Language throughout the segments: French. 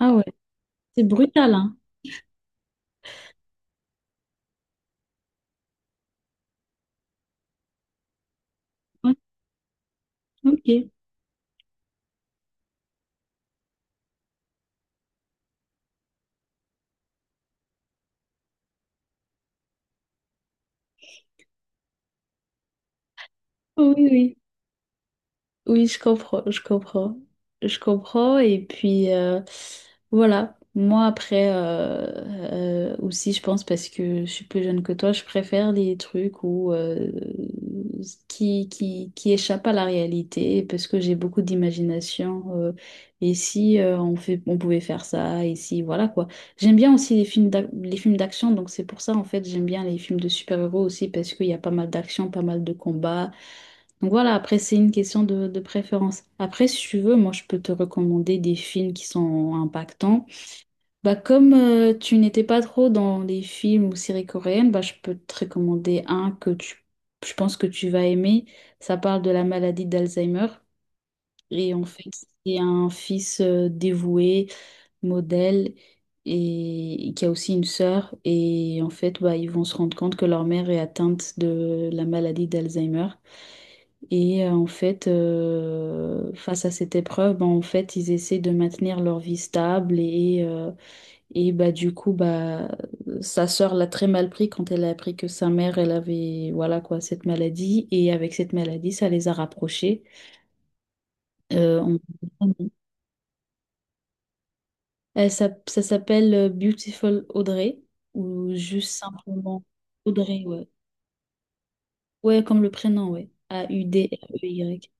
Ah ouais, c'est brutal, hein. Ouais. Ok. Oh, oui, oui. Oui, je comprends, je comprends. Je comprends. Et puis, voilà. Moi, après, aussi, je pense, parce que je suis plus jeune que toi, je préfère les trucs qui échappent à la réalité, parce que j'ai beaucoup d'imagination. Et si on fait, on pouvait faire ça, et si, voilà quoi. J'aime bien aussi les les films d'action, donc c'est pour ça, en fait, j'aime bien les films de super-héros aussi, parce qu'il y a pas mal d'action, pas mal de combats. Donc voilà, après, c'est une question de préférence. Après, si tu veux, moi, je peux te recommander des films qui sont impactants. Bah, comme tu n'étais pas trop dans les films ou séries coréennes, bah, je peux te recommander un que tu, je pense que tu vas aimer. Ça parle de la maladie d'Alzheimer. Et en fait, c'est un fils dévoué, modèle, et qui a aussi une sœur. Et en fait, bah, ils vont se rendre compte que leur mère est atteinte de la maladie d'Alzheimer. Et en fait, face à cette épreuve, bah, en fait, ils essaient de maintenir leur vie stable et bah, du coup, bah, sa sœur l'a très mal pris quand elle a appris que sa mère, elle avait, voilà quoi, cette maladie. Et avec cette maladie, ça les a rapprochés. Euh, on- Ça s'appelle Beautiful Audrey, ou juste simplement Audrey, ouais. Ouais, comme le prénom, ouais. A-U-D-R-E-Y.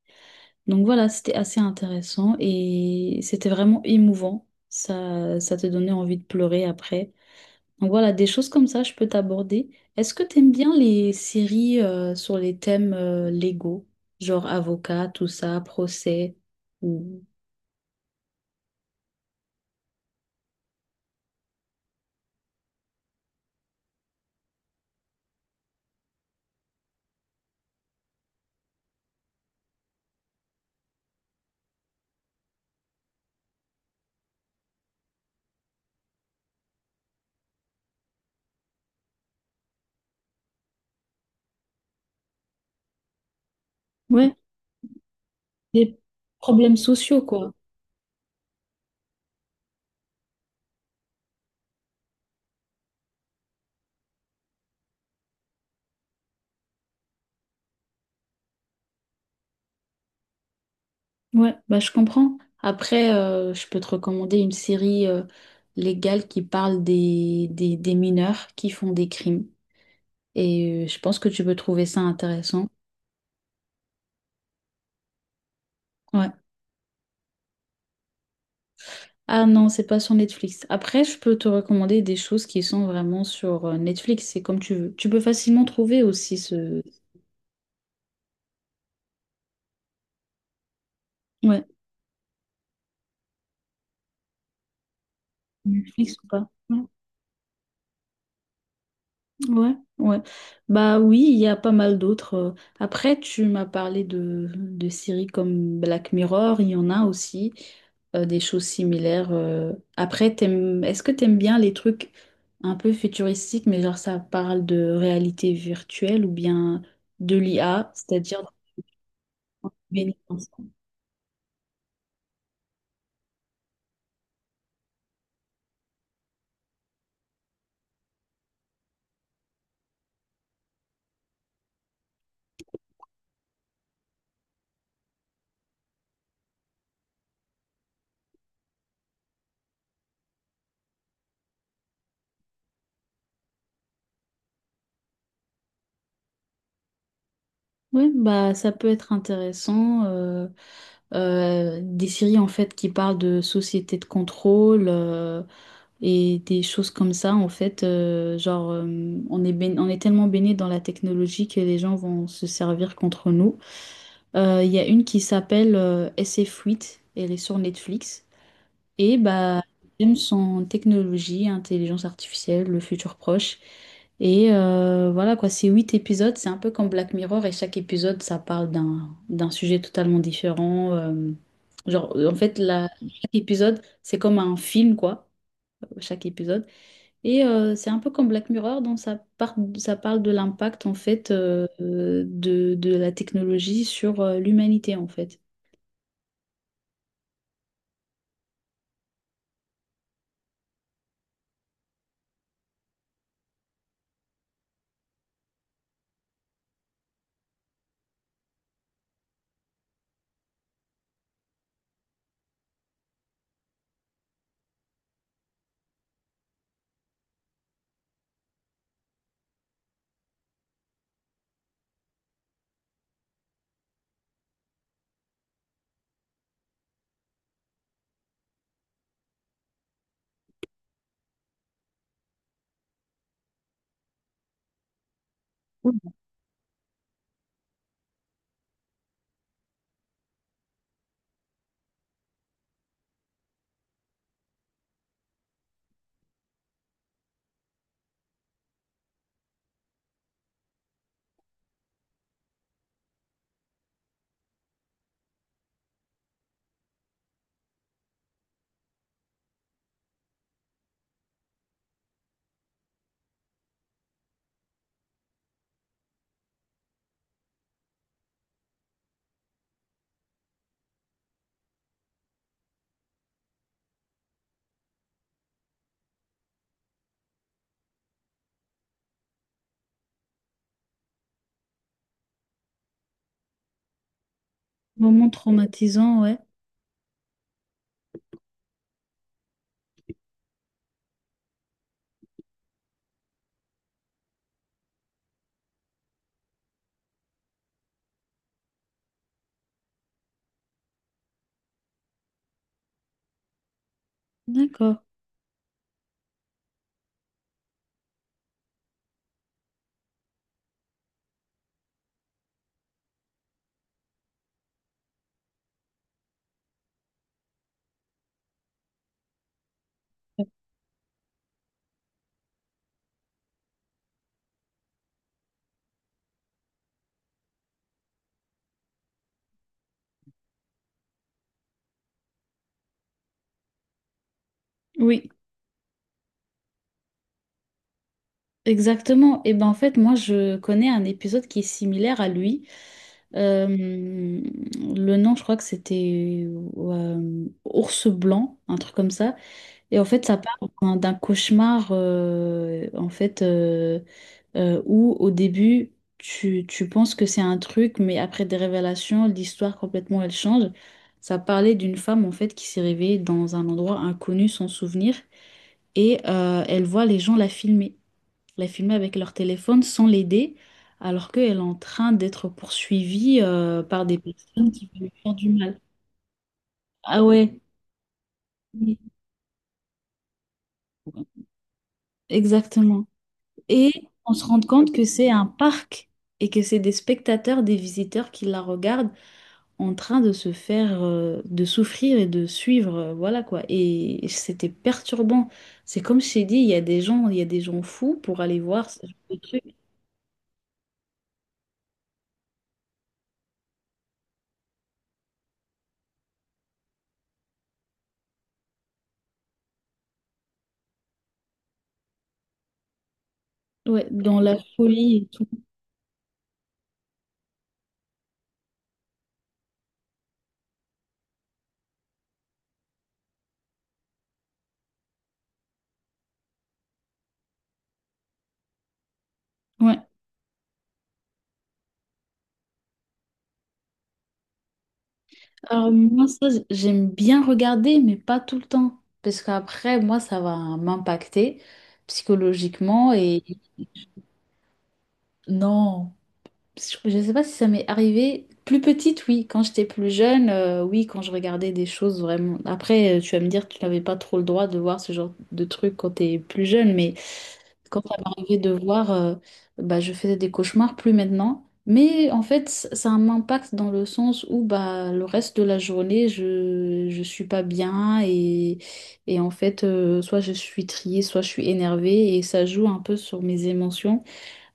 Donc voilà, c'était assez intéressant et c'était vraiment émouvant. Ça te donnait envie de pleurer après. Donc voilà, des choses comme ça, je peux t'aborder. Est-ce que t'aimes bien les séries sur les thèmes légaux, genre avocat, tout ça, procès ou... Ouais, des problèmes sociaux, quoi. Ouais, bah je comprends. Après, je peux te recommander une série légale qui parle des mineurs qui font des crimes. Et je pense que tu peux trouver ça intéressant. Ouais. Ah non, c'est pas sur Netflix. Après, je peux te recommander des choses qui sont vraiment sur Netflix. C'est comme tu veux. Tu peux facilement trouver aussi ce... Ouais. Netflix ou pas. Ouais. Ouais, ouais. Bah oui, il y a pas mal d'autres. Après, tu m'as parlé de séries comme Black Mirror, il y en a aussi des choses similaires. Après, est-ce que t'aimes bien les trucs un peu futuristiques, mais genre ça parle de réalité virtuelle ou bien de l'IA, c'est-à-dire de bénéfices. Ouais, bah ça peut être intéressant. Des séries en fait qui parlent de société de contrôle. Et des choses comme ça, en fait, on est tellement baigné dans la technologie que les gens vont se servir contre nous. Il y a une qui s'appelle SF8, elle est sur Netflix, et bah, les thèmes sont technologie, intelligence artificielle, le futur proche. Et voilà quoi, c'est huit épisodes, c'est un peu comme Black Mirror et chaque épisode ça parle d'un sujet totalement différent. Genre en fait la, Chaque épisode c'est comme un film quoi, chaque épisode. Et c'est un peu comme Black Mirror, donc ça parle de l'impact en fait de la technologie sur l'humanité en fait. Oui. Moment traumatisant, ouais. D'accord. Oui, exactement. Et ben en fait, moi je connais un épisode qui est similaire à lui. Le nom, je crois que c'était Ours Blanc, un truc comme ça. Et en fait, ça part d'un cauchemar en fait. Où au début, tu penses que c'est un truc, mais après des révélations, l'histoire complètement, elle change. Ça parlait d'une femme, en fait, qui s'est réveillée dans un endroit inconnu, sans souvenir, et elle voit les gens la filmer avec leur téléphone sans l'aider, alors qu'elle est en train d'être poursuivie par des personnes qui veulent lui faire du mal. Ah ouais. Oui. Exactement. Et on se rend compte que c'est un parc et que c'est des spectateurs, des visiteurs qui la regardent en train de se faire, de souffrir et de suivre, voilà quoi. Et c'était perturbant. C'est comme je t'ai dit, il y a des gens, il y a des gens fous pour aller voir ce genre de truc. Ouais, dans la folie et tout. Ouais. Alors moi, ça, j'aime bien regarder, mais pas tout le temps. Parce qu'après, moi, ça va m'impacter psychologiquement et non. Je ne sais pas si ça m'est arrivé. Plus petite, oui. Quand j'étais plus jeune, oui, quand je regardais des choses vraiment. Après, tu vas me dire que tu n'avais pas trop le droit de voir ce genre de trucs quand tu es plus jeune, mais quand ça m'arrivait de voir, bah, je faisais des cauchemars, plus maintenant. Mais en fait, ça a un impact dans le sens où bah, le reste de la journée, je suis pas bien, et en fait, soit je suis triée, soit je suis énervée et ça joue un peu sur mes émotions.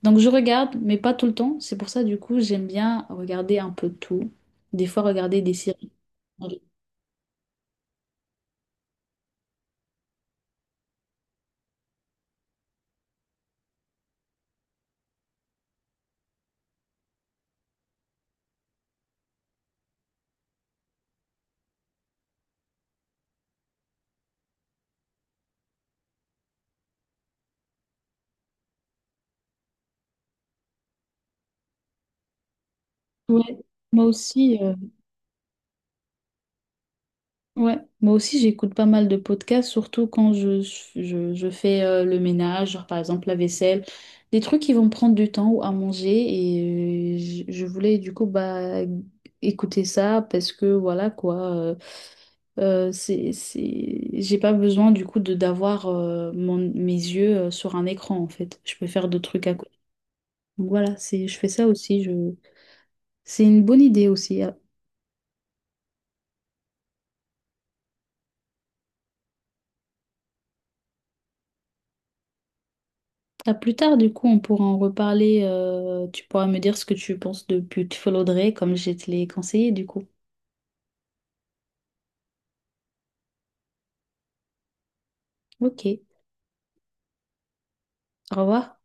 Donc je regarde, mais pas tout le temps. C'est pour ça, du coup, j'aime bien regarder un peu tout. Des fois, regarder des séries. Ouais. Moi aussi, ouais, moi aussi j'écoute pas mal de podcasts, surtout quand je, je fais le ménage, genre par exemple la vaisselle, des trucs qui vont me prendre du temps ou à manger. Et je voulais du coup bah, écouter ça parce que voilà quoi, c'est... j'ai pas besoin du coup de d'avoir mon, mes yeux sur un écran en fait. Je peux faire d'autres trucs à côté. Donc voilà, c'est, je fais ça aussi. Je... C'est une bonne idée aussi. À plus tard, du coup, on pourra en reparler. Tu pourras me dire ce que tu penses de Beautiful Audrey, comme je te l'ai conseillé, du coup. Ok. Au revoir.